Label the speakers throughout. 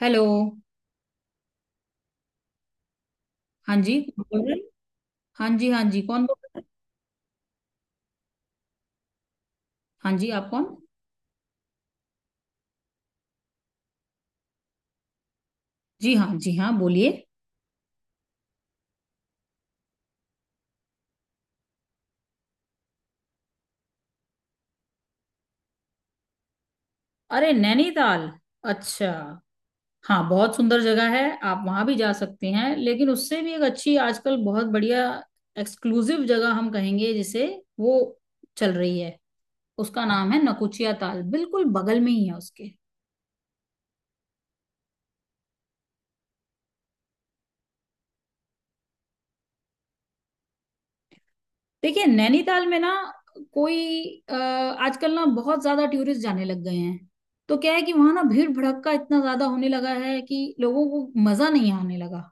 Speaker 1: Hello. हाँ जी, कौन बोल रहे हैं? हाँ जी हाँ जी, कौन बोल रहे हैं? हाँ जी, आप कौन। जी हाँ जी हाँ, बोलिए। अरे, नैनीताल? अच्छा। हाँ, बहुत सुंदर जगह है। आप वहां भी जा सकते हैं, लेकिन उससे भी एक अच्छी, आजकल बहुत बढ़िया एक्सक्लूसिव जगह हम कहेंगे जिसे, वो चल रही है। उसका नाम है नकुचिया ताल, बिल्कुल बगल में ही है उसके। देखिए, नैनीताल में ना कोई आजकल ना बहुत ज्यादा टूरिस्ट जाने लग गए हैं। तो क्या है कि वहां ना भीड़ भड़क्का इतना ज्यादा होने लगा है कि लोगों को मजा नहीं आने लगा।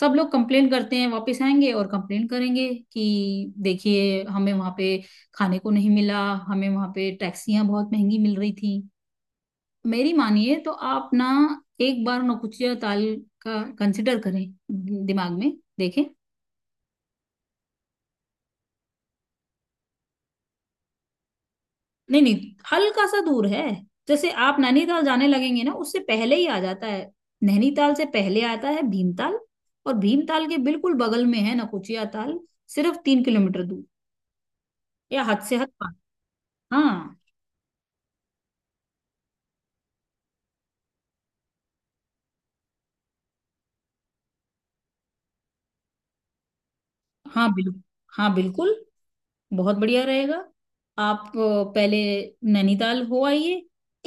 Speaker 1: सब लोग कंप्लेन करते हैं, वापस आएंगे और कंप्लेन करेंगे कि देखिए, हमें वहां पे खाने को नहीं मिला, हमें वहां पे टैक्सियां बहुत महंगी मिल रही थी। मेरी मानिए तो आप ना एक बार नौकुचिया ताल का कंसिडर करें, दिमाग में देखें। नहीं नहीं, हल्का सा दूर है। जैसे आप नैनीताल जाने लगेंगे ना, उससे पहले ही आ जाता है। नैनीताल से पहले आता है भीमताल, और भीमताल के बिल्कुल बगल में है नकुचिया ताल, सिर्फ 3 किलोमीटर दूर, या हद से हद पाँच। हाँ। हाँ बिल्कुल, हाँ बिल्कुल, बहुत बढ़िया रहेगा। आप पहले नैनीताल हो आइए,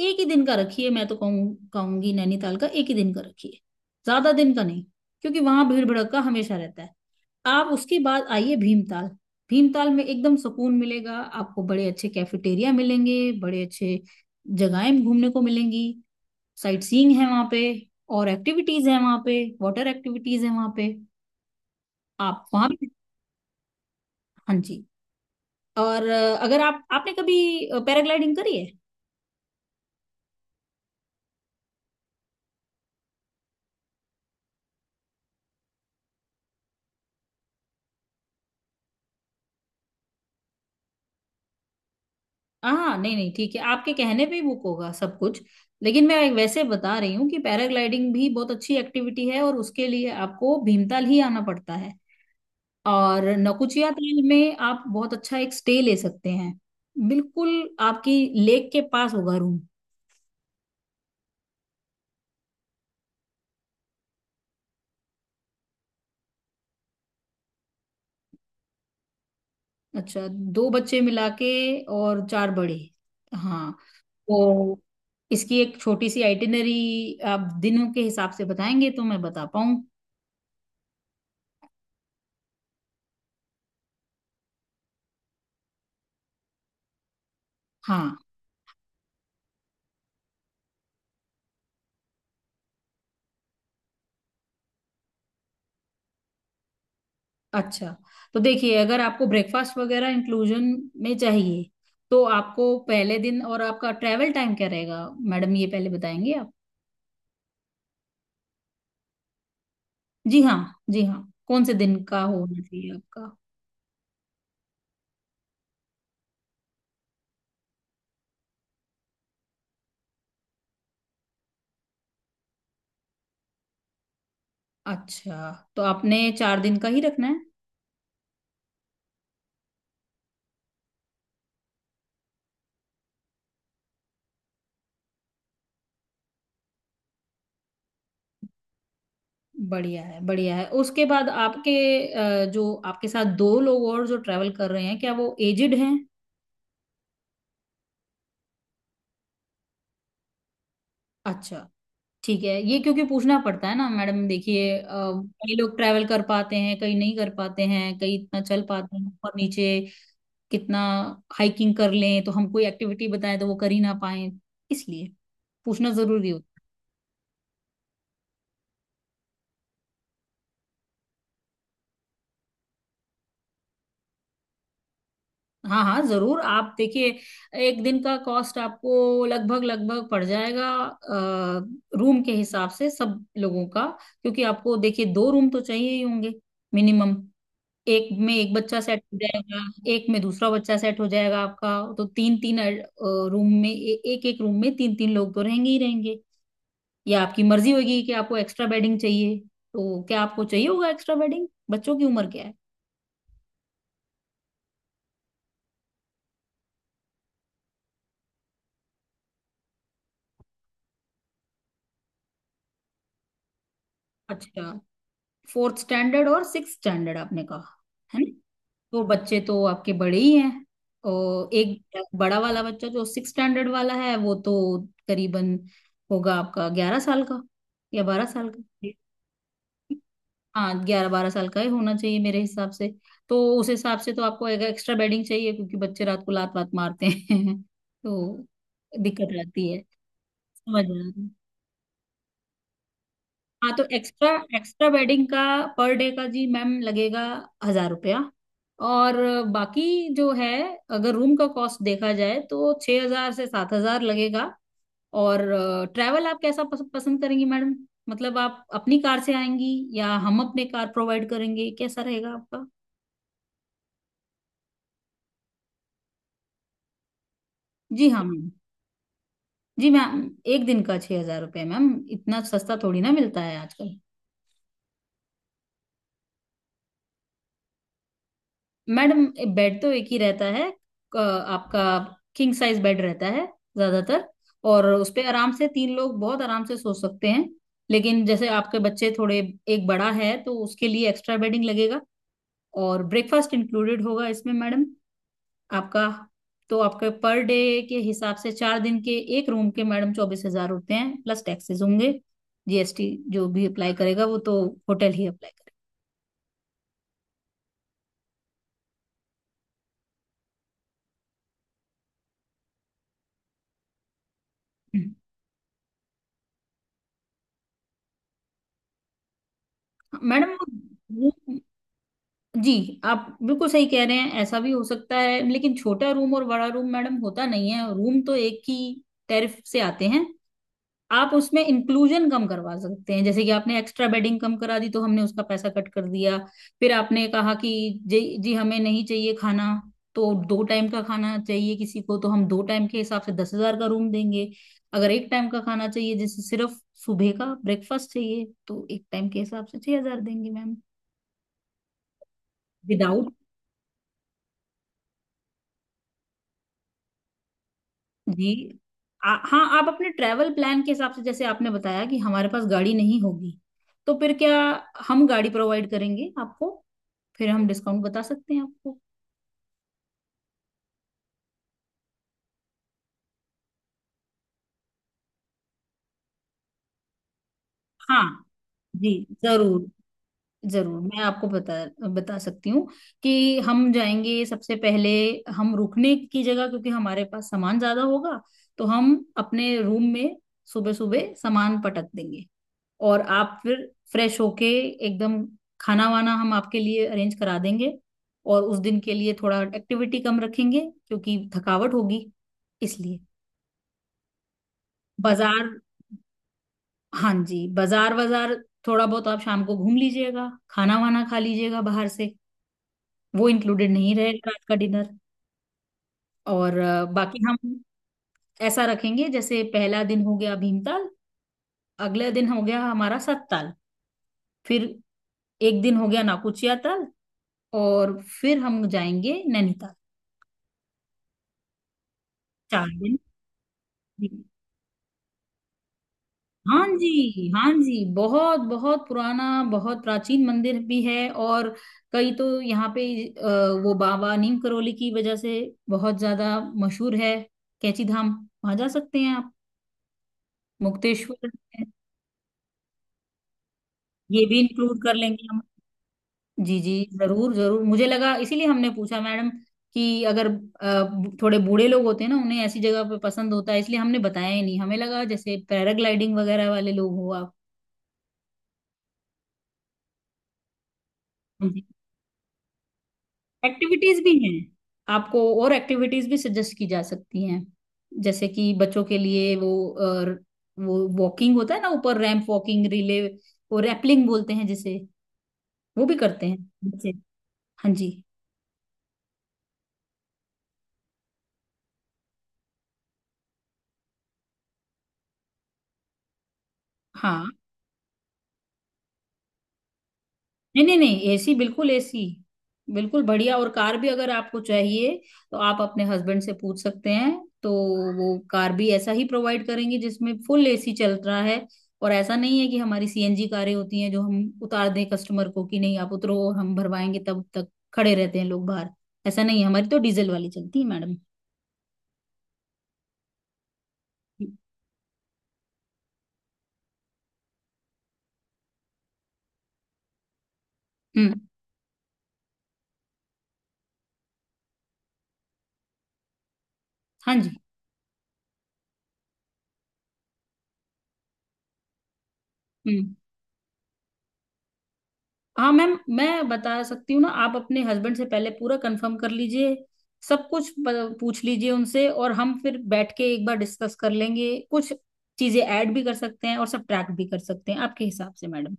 Speaker 1: एक ही दिन का रखिए। मैं तो कहूँ कहूंगी, नैनीताल का एक ही दिन का रखिए, ज्यादा दिन का नहीं, क्योंकि वहां भीड़ भड़क्का हमेशा रहता है। आप उसके बाद आइए भीमताल। भीमताल में एकदम सुकून मिलेगा। आपको बड़े अच्छे कैफेटेरिया मिलेंगे, बड़े अच्छे जगहें घूमने को मिलेंगी। साइट सीइंग है वहां पे, और एक्टिविटीज है वहां पे, वाटर एक्टिविटीज है वहां पे, आप वहां भी। हाँ जी। और अगर आप आपने कभी पैराग्लाइडिंग करी है? हाँ नहीं नहीं, ठीक है, आपके कहने पे ही बुक होगा सब कुछ। लेकिन मैं वैसे बता रही हूँ कि पैराग्लाइडिंग भी बहुत अच्छी एक्टिविटी है और उसके लिए आपको भीमताल ही आना पड़ता है। और नौकुचिया ताल में आप बहुत अच्छा एक स्टे ले सकते हैं, बिल्कुल आपकी लेक के पास होगा रूम। अच्छा। दो बच्चे मिला के और चार बड़े। हाँ। तो इसकी एक छोटी सी आइटिनरी, आप दिनों के हिसाब से बताएंगे तो मैं बता पाऊँ। हाँ। अच्छा। तो देखिए, अगर आपको ब्रेकफास्ट वगैरह इंक्लूजन में चाहिए तो आपको पहले दिन, और आपका ट्रैवल टाइम क्या रहेगा मैडम, ये पहले बताएंगे आप। जी हाँ। जी हाँ। कौन से दिन का होना चाहिए आपका? अच्छा, तो आपने 4 दिन का ही रखना है। बढ़िया है, बढ़िया है। उसके बाद आपके जो आपके साथ दो लोग और जो ट्रैवल कर रहे हैं, क्या वो एजिड हैं? अच्छा, ठीक है। ये क्योंकि पूछना पड़ता है ना मैडम, देखिए, कई लोग ट्रैवल कर पाते हैं, कई नहीं कर पाते हैं, कई इतना चल पाते हैं ऊपर नीचे, कितना हाइकिंग कर लें, तो हम कोई एक्टिविटी बताएं तो वो कर ही ना पाए, इसलिए पूछना जरूरी होता है। हाँ हाँ, जरूर। आप देखिए, एक दिन का कॉस्ट आपको लगभग लगभग पड़ जाएगा रूम के हिसाब से सब लोगों का, क्योंकि आपको देखिए, दो रूम तो चाहिए ही होंगे मिनिमम। एक में एक बच्चा सेट हो जाएगा, एक में दूसरा बच्चा सेट हो जाएगा आपका। तो तीन तीन रूम में एक एक रूम में तीन तीन लोग तो रहेंगे ही रहेंगे। या आपकी मर्जी होगी कि आपको एक्स्ट्रा बेडिंग चाहिए, तो क्या आपको चाहिए होगा एक्स्ट्रा बेडिंग? बच्चों की उम्र क्या है? अच्छा, फोर्थ स्टैंडर्ड और सिक्स स्टैंडर्ड आपने कहा, है ना? तो बच्चे तो आपके बड़े ही हैं। और एक बड़ा वाला बच्चा जो सिक्स स्टैंडर्ड वाला है, वो तो करीबन होगा आपका 11 साल का या 12 साल का। हाँ, 11-12 साल का ही होना चाहिए मेरे हिसाब से। तो उस हिसाब से तो आपको एक एक्स्ट्रा बेडिंग चाहिए, क्योंकि बच्चे रात को लात वात मारते हैं तो दिक्कत रहती है, समझ रहे हैं। हाँ, तो एक्स्ट्रा एक्स्ट्रा बेडिंग का पर डे का जी मैम लगेगा 1,000 रुपया। और बाकी जो है, अगर रूम का कॉस्ट देखा जाए तो 6,000 से 7,000 लगेगा। और ट्रैवल आप कैसा पसंद करेंगी मैडम? मतलब आप अपनी कार से आएंगी, या हम अपने कार प्रोवाइड करेंगे, कैसा रहेगा आपका? जी हाँ मैम। जी मैम, एक दिन का 6,000 रुपये मैम, इतना सस्ता थोड़ी ना मिलता है आजकल। मैडम, बेड तो एक ही रहता है आपका, किंग साइज बेड रहता है ज्यादातर, और उस पे आराम से तीन लोग बहुत आराम से सो सकते हैं। लेकिन जैसे आपके बच्चे थोड़े, एक बड़ा है, तो उसके लिए एक्स्ट्रा बेडिंग लगेगा। और ब्रेकफास्ट इंक्लूडेड होगा इसमें मैडम आपका। तो आपके पर डे के हिसाब से 4 दिन के एक रूम के मैडम 24,000 होते हैं, प्लस टैक्सेस होंगे। जीएसटी जो भी अप्लाई करेगा, वो तो होटल ही अप्लाई करेगा। हम्म। मैडम, वो जी, आप बिल्कुल सही कह रहे हैं, ऐसा भी हो सकता है, लेकिन छोटा रूम और बड़ा रूम मैडम होता नहीं है, रूम तो एक ही टैरिफ से आते हैं। आप उसमें इंक्लूजन कम करवा सकते हैं, जैसे कि आपने एक्स्ट्रा बेडिंग कम करा दी तो हमने उसका पैसा कट कर दिया। फिर आपने कहा कि जी जी, हमें नहीं चाहिए खाना। तो दो टाइम का खाना चाहिए किसी को, तो हम दो टाइम के हिसाब से 10,000 का रूम देंगे। अगर एक टाइम का खाना चाहिए, जैसे सिर्फ सुबह का ब्रेकफास्ट चाहिए, तो एक टाइम के हिसाब से 6,000 देंगे मैम, विदाउट। जी हाँ, आप अपने ट्रैवल प्लान के हिसाब से, जैसे आपने बताया कि हमारे पास गाड़ी नहीं होगी, तो फिर क्या, हम गाड़ी प्रोवाइड करेंगे आपको, फिर हम डिस्काउंट बता सकते हैं आपको। हाँ जी, जरूर जरूर, मैं आपको बता बता सकती हूँ कि हम जाएंगे सबसे पहले, हम रुकने की जगह, क्योंकि हमारे पास सामान ज्यादा होगा, तो हम अपने रूम में सुबह सुबह सामान पटक देंगे। और आप फिर फ्रेश होके एकदम, खाना वाना हम आपके लिए अरेंज करा देंगे। और उस दिन के लिए थोड़ा एक्टिविटी कम रखेंगे, क्योंकि थकावट होगी इसलिए। बाजार, हाँ जी, बाजार बाजार थोड़ा बहुत आप शाम को घूम लीजिएगा, खाना वाना खा लीजिएगा बाहर से, वो इंक्लूडेड नहीं रहेगा रात का डिनर। और बाकी हम ऐसा रखेंगे, जैसे पहला दिन हो गया भीमताल, अगला दिन हो गया हमारा सतताल, फिर एक दिन हो गया नाकुचिया ताल, और फिर हम जाएंगे नैनीताल। 4 दिन। हाँ जी हाँ जी, बहुत बहुत पुराना, बहुत प्राचीन मंदिर भी है। और कई तो यहाँ पे वो बाबा नीम करोली की वजह से बहुत ज्यादा मशहूर है, कैची धाम, वहां जा सकते हैं आप, मुक्तेश्वर। है, ये भी इंक्लूड कर लेंगे हम। जी जी, जरूर जरूर, मुझे लगा इसीलिए हमने पूछा मैडम, कि अगर थोड़े बूढ़े लोग होते हैं ना, उन्हें ऐसी जगह पे पसंद होता है, इसलिए हमने बताया ही नहीं, हमें लगा जैसे पैराग्लाइडिंग वगैरह वाले लोग हो। आप एक्टिविटीज भी हैं, आपको और एक्टिविटीज भी सजेस्ट की जा सकती हैं, जैसे कि बच्चों के लिए वो वो वॉकिंग होता है ना ऊपर, रैंप वॉकिंग रिले, और रैपलिंग बोलते हैं जिसे, वो भी करते हैं बच्चे। हाँ जी। हाँ, नहीं नहीं नहीं, एसी, बिल्कुल एसी बिल्कुल बढ़िया। और कार भी अगर आपको चाहिए, तो आप अपने हस्बैंड से पूछ सकते हैं। तो वो कार भी ऐसा ही प्रोवाइड करेंगे, जिसमें फुल एसी चल रहा है। और ऐसा नहीं है कि हमारी सीएनजी कारें होती हैं, जो हम उतार दें कस्टमर को कि नहीं आप उतरो और हम भरवाएंगे, तब तक खड़े रहते हैं लोग बाहर। ऐसा नहीं है, हमारी तो डीजल वाली चलती है मैडम। हम्म। हाँ जी। हम्म। हाँ मैम, मैं बता सकती हूँ ना, आप अपने हस्बैंड से पहले पूरा कंफर्म कर लीजिए, सब कुछ पूछ लीजिए उनसे, और हम फिर बैठ के एक बार डिस्कस कर लेंगे, कुछ चीजें ऐड भी कर सकते हैं और सब ट्रैक भी कर सकते हैं आपके हिसाब से मैडम।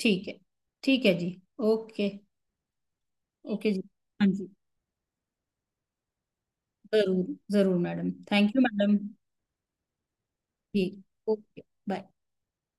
Speaker 1: ठीक है, ठीक है जी, ओके, ओके जी। हाँ जी, जरूर जरूर मैडम, थैंक यू मैडम। जी, ओके, बाय।